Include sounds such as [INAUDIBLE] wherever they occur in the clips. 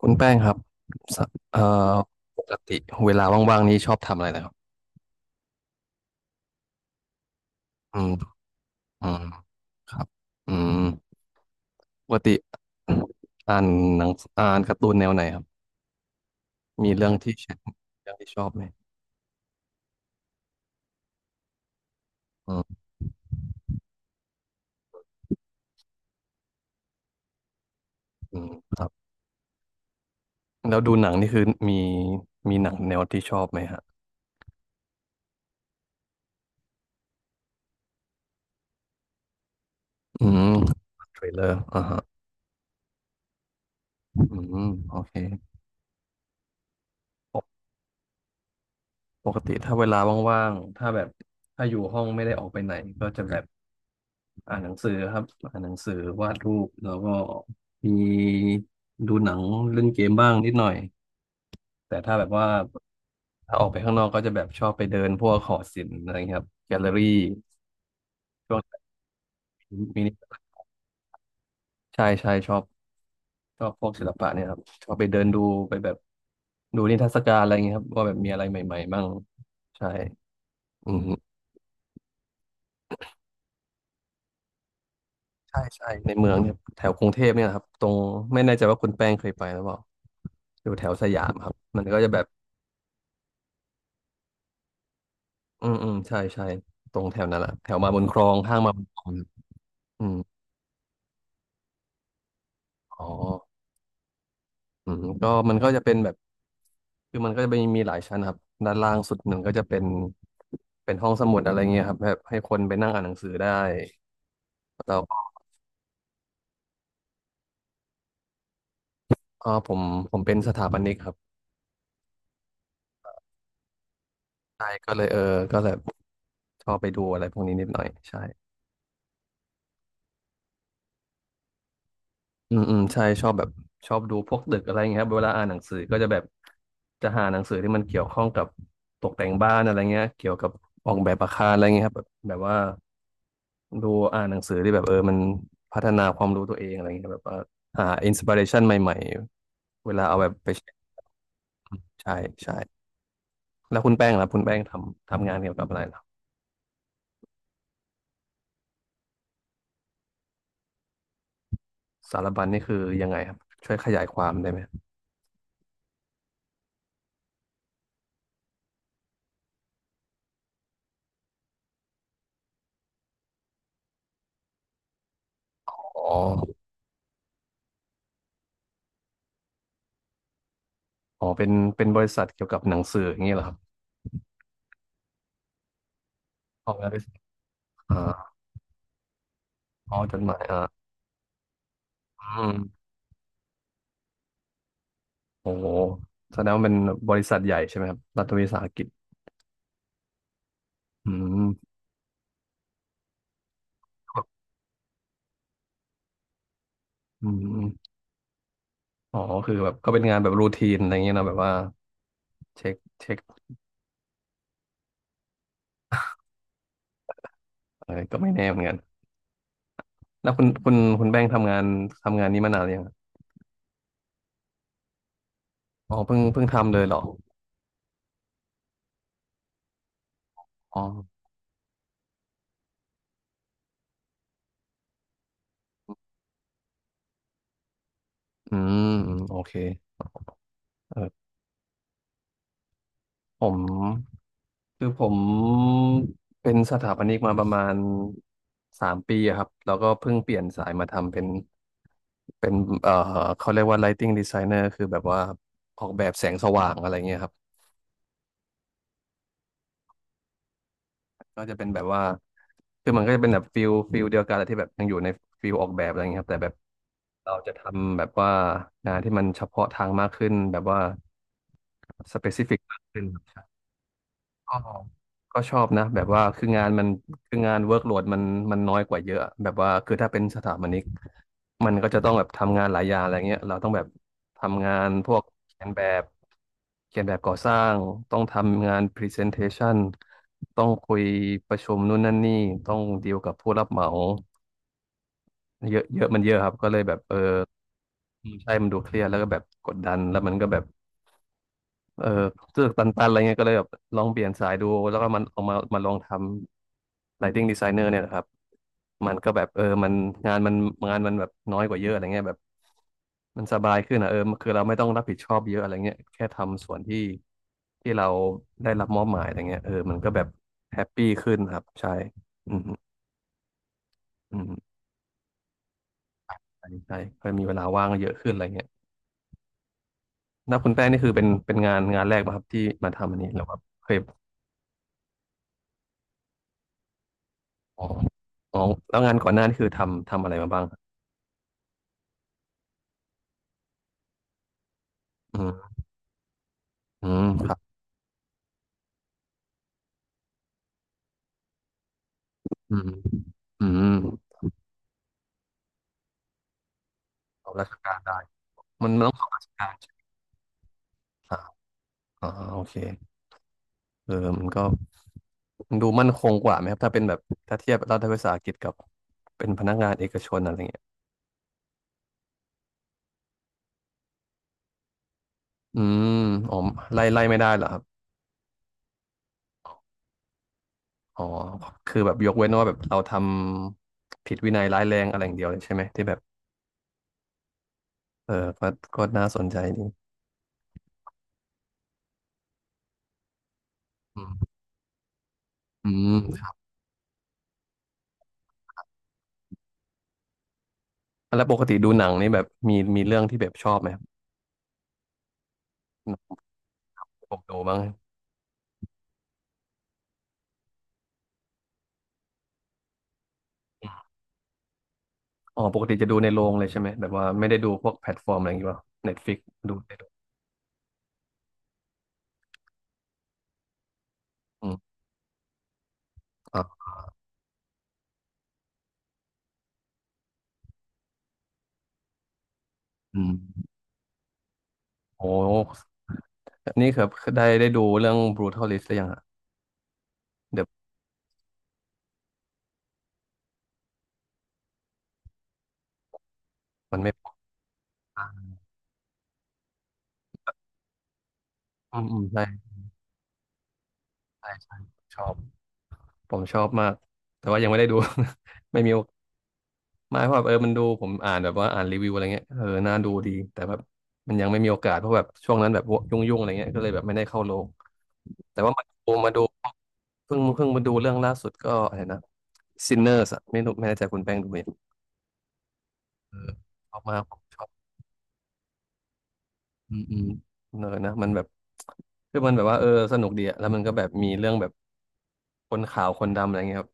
คุณแป้งครับสเอ่อปกติเวลาว่างๆนี้ชอบทำอะไรนะครับ อืมอืมครับอืมปกติอ่านหนังอ่านการ์ตูนแนวไหนครับ มีเรื่องที่ชอบไหมอืมอืมครับแล้วดูหนังนี่คือมี มีหนังแนวที่ชอบไหมฮะอืมเทรลเลอร์อ่าฮะอืมโอเคปกปกติถ้าเวลาว่างๆ ถ้าแบบ ถ้าอยู่ห้องไม่ได้ออกไปไหนก็จะแบบ อ่านหนังสือครับอ่านหนังสือวาดรูปแล้วก็มีดูหนังเล่นเกมบ้างนิดหน่อยแต่ถ้าแบบว่าถ้าออกไปข้างนอกก็จะแบบชอบไปเดินพวกหอศิลป์อะไรเงี้ยครับแกลเลอรี่ช่วงมินิใช่ใช่ชอบชอบพวกศิลปะเนี่ยครับชอบไปเดินดูไปแบบดูนิทรรศการอะไรเงี้ยครับว่าแบบมีอะไรใหม่ๆบ้างใช่อืมใช่ใช่ในเมืองเนี่ยแถวกรุงเทพเนี่ยนะครับตรงไม่แน่ใจว่าคุณแป้งเคยไปหรือเปล่าอยู่แถวสยามครับมันก็จะแบบ อืมอืมใช่ใช่ตรงแถวนั้นแหละแถวมาบุญครองห้างมาบุญครองครับอืมอ๋ออืมก็มันก็จะเป็นแบบคือมันก็จะมีหลายชั้นครับด้านล่างสุดหนึ่งก็จะเป็นห้องสมุดอะไรเงี้ยครับแบบให้คนไปนั่งอ่านหนังสือได้แล้วก็อ๋อผมเป็นสถาปนิกครับใช่ก็เลยเออก็แบบชอบไปดูอะไรพวกนี้นิดหน่อยใช่ อืมอืมใช่ชอบแบบชอบดูพวกดึกอะไรอย่างเงี้ยครับเวลาอ่านหนังสือก็จะแบบจะหาหนังสือที่มันเกี่ยวข้องกับตกแต่งบ้านอะไรเงี้ยเกี่ยวกับออกแบบอาคารอะไรเงี้ยครับแบบว่าดูอ่านหนังสือที่แบบเออมันพัฒนาความรู้ตัวเองอะไรเงี้ยแบบว่าหาอินสปิเรชันใหม่ๆเวลาเอาแบบไปใช้ใช่ใช่แล้วคุณแป้งล่ะคุณแป้งทำงานเกี่ยวกับอะไรล่ะสารบัญนี่คือยังไงครับช่วยขยายความได้ไหมอ๋ออ๋อเป็นบริษัทเกี่ยวกับหนังสืออย่างเงี้ยเหรอครับออกงานด้วย อ๋อจดหมายอ่ะอืมโอ้โหแสดงว่าเป็นบริษัทใหญ่ใช่ไหมครับรัฐวิสาหกิจอืมแอืมอ๋อคือแบบก็เป็นงานแบบรูทีนอะไรเงี้ยนะแบบว่าเช็คเช็คอะไรก็ไม่แน่เหมือนกันแล้วคุณแป้งค์ทำงานนี้มานานหรือยังครับอ๋อเพิ่งทำเลยเหรออ๋ออืมอืมโอเคเออผม คือผมเป็นสถาปนิกมาประมาณ3 ปีอะครับแล้วก็เพิ่งเปลี่ยนสายมาทำเป็นเป็นเอ่อเขาเรียกว่า lighting designer คือแบบว่าออกแบบแสงสว่างอะไรเงี้ยครับก็จะเป็นแบบว่าคือมันก็จะเป็นแบบฟิลเดียวกันแหละที่แบบยังอยู่ในฟิลออกแบบอะไรเงี้ยครับแต่แบบเราจะทำแบบว่างานที่มันเฉพาะทางมากขึ้นแบบว่า specific มากขึ้น อ๋อก็ชอบนะแบบว่าคืองานมันคืองานเวิร์กโหลดมันน้อยกว่าเยอะแบบว่าคือถ้าเป็นสถาปนิกมันก็จะต้องแบบทำงานหลายอย่างอะไรเงี้ยเราต้องแบบทำงานพวกเขียนแบบเขียนแบบก่อสร้างต้องทำงานพรีเซนเทชันต้องคุยประชุมนู่นนั่นนี่ต้องดีลกับผู้รับเหมาเยอะเยอะมันเยอะครับก็เลยแบบเออใช่มันดูเครียดแล้วก็แบบกดดันแล้วมันก็แบบ เออรู้สึกตันๆอะไรเงี้ยก็เลยแบบลองเปลี่ยนสายดูแล้วก็มันเอามาลองทำ lighting designer เนี่ยนะครับมันก็แบบเออมันงานมันแบบน้อยกว่าเยอะอะไรเงี้ยแบบมันสบายขึ้นอ่ะเออคือเราไม่ต้องรับผิดชอบเยอะอะไรเงี้ยแค่ทำส่วนที่เราได้รับมอบหมายอะไรเงี้ยเออมันก็แบบแฮปปี้ขึ้นครับใช่อืมอืมใช่ใช่ก็มีเวลาว่างเยอะขึ้นอะไรเงี้ยนับคุณแป้งนี่คือเป็นงานแรกป่ครับที่มาทำอันนี้หรือว่าเคย อ๋ออ๋อแล้วงานก่อนหน้านี่คือทำอะไรมาบ้างอืมอืมครับอืมอืมเอาราชการได้มันต้องสอบราชการใช่ไหมอ่าอ่าโอเคเออมันก็มันดูมั่นคงกว่าไหมครับถ้าเป็นแบบถ้าเทียบรัฐวิสาหกิจกับเป็นพนักงานเอกชนอะไรเงี้ยอืมอ๋อไล่ไม่ได้เหรอครับอ๋อคือแบบยกเว้นว่าแบบเราทำผิดวินัยร้ายแรงอะไรอย่างเดียวเลยใช่ไหมที่แบบเออก็ก็น่าสนใจดีอืมอืมแล้วปกติดูหนังนี่แบบมีเรื่องที่แบบชอบไหม ผมดูมั้งอ๋อปกติจะดูในโรงเลยใช่ไหมแบบว่าไม่ได้ดูพวกแพลตฟอร์มอะไรอย่างเงี้ยป่ะเน็ตฟ i ิกดูได้ดู อืมอ่ะอืมโอ้นี่ครับได้ดูเรื่อง Brutal List หรือยังอะเดี๋ยวมันไม่พออืมอืมใช่ใช่ ชอบ ผมชอบมาก แต่ว่ายังไม่ได้ดู [LAUGHS] ไม่มีโอ มาเพราะแบบมันดูผมอ่านแบบว่าอ่านรีวิวอะไรเงี้ยเออน่าดูดีแต่แบบมันยังไม่มีโอกาสเพราะแบบช่วงนั้นแบบยุ่งๆอะไรเงี้ยก็เลยแบบไม่ได้เข้าโรงแต่ว่ามาดูเพิ่งมาดูเรื่องล่าสุดก็อะไรนะ Sinners อะไม่รู้ไม่แน่ใจคุณแป้งดูไหมเออชอบมากผมชอบอืมอืมเนอนะมันแบบคือมันแบบว่าเออสนุกดีอะแล้วมันก็แบบมีเรื่องแบบคนขาวคนดำอะไรเงี้ยครับ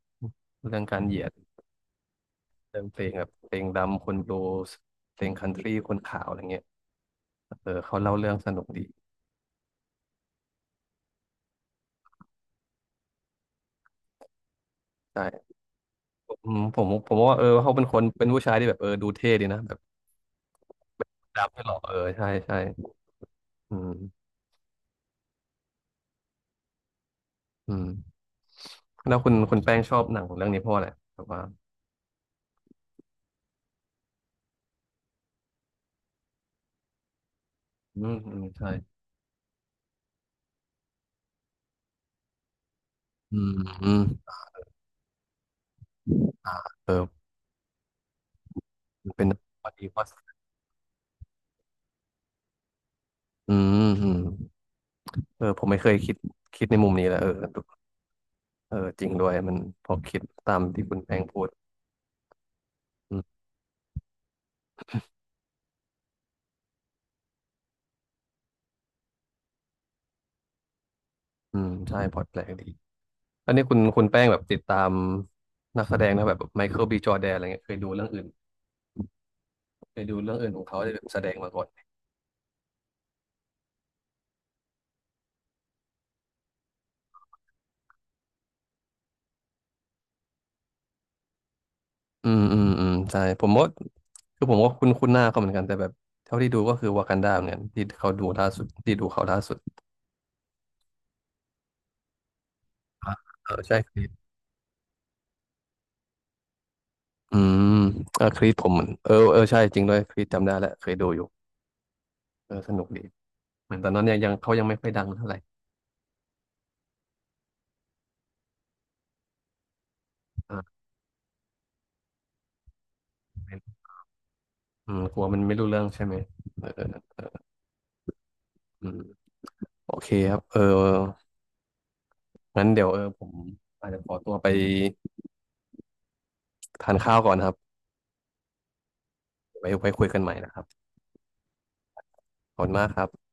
เรื่องการเหยียดเรื่องเพลงแบบเพลงดำคนบลูส์เพลงคันทรีคนขาวอะไรเงี้ย เออเขาเล่าเรื่องสนุกดีใช่ผผมว่าเออเขาเป็นคนเป็นผู้ชายที่แบบเออดูเท่ดีนะแบบดับไม่หล่อเออใช่ใช่อืมอืมแล้วคุณแป้งชอบหนังเรื่องนี้เพราะอะไรแบบว่าอืมอืมใช่อืมอืมเออเป็นพอดีพออืมอืมเออผมไม่เคยคิดในมุมนี้แหละเออเออจริงด้วยมันพอคิดตามที่คุณแป้งพูดอืมอืมใช่พอแปลกดีอันนี้คุณแป้งแบบติดตามนักแสดงนะแบบไมเคิลบีจอร์แดนอะไรเงี้ยเคยดูเรื่องอื่น ไปดูเรื่องอื่นของเขาที่แบบแสดงมาก่อนอืมอืมอืมใช่ผมว่าคือผมก็คุ้นคุ้นหน้าเขาเหมือนกันแต่แบบเท่าที่ดูก็คือวากันดาเหมือนกันที่เขาดูล่าสุดที่ดูเขาล่าสุดอ่ะเออใช่ครีดอืมเออครีดผมเหมือนเออเออใช่จริงด้วยครีดจำได้แล้วเคยดูอยู่เออสนุกดีเหมือนตอนนั้นเนี่ยยังเขายังไม่ค่อยดังเท่าไหร่อ่าอืมกลัวมันไม่รู้เรื่องใช่ไหมเออเอออืมโอเคครับเอองั้นเดี๋ยวเออผมอาจจะขอตัวไปทานข้าวก่อนนะครับไว้คุยกันใหม่นะครับขอบคุณมากครับ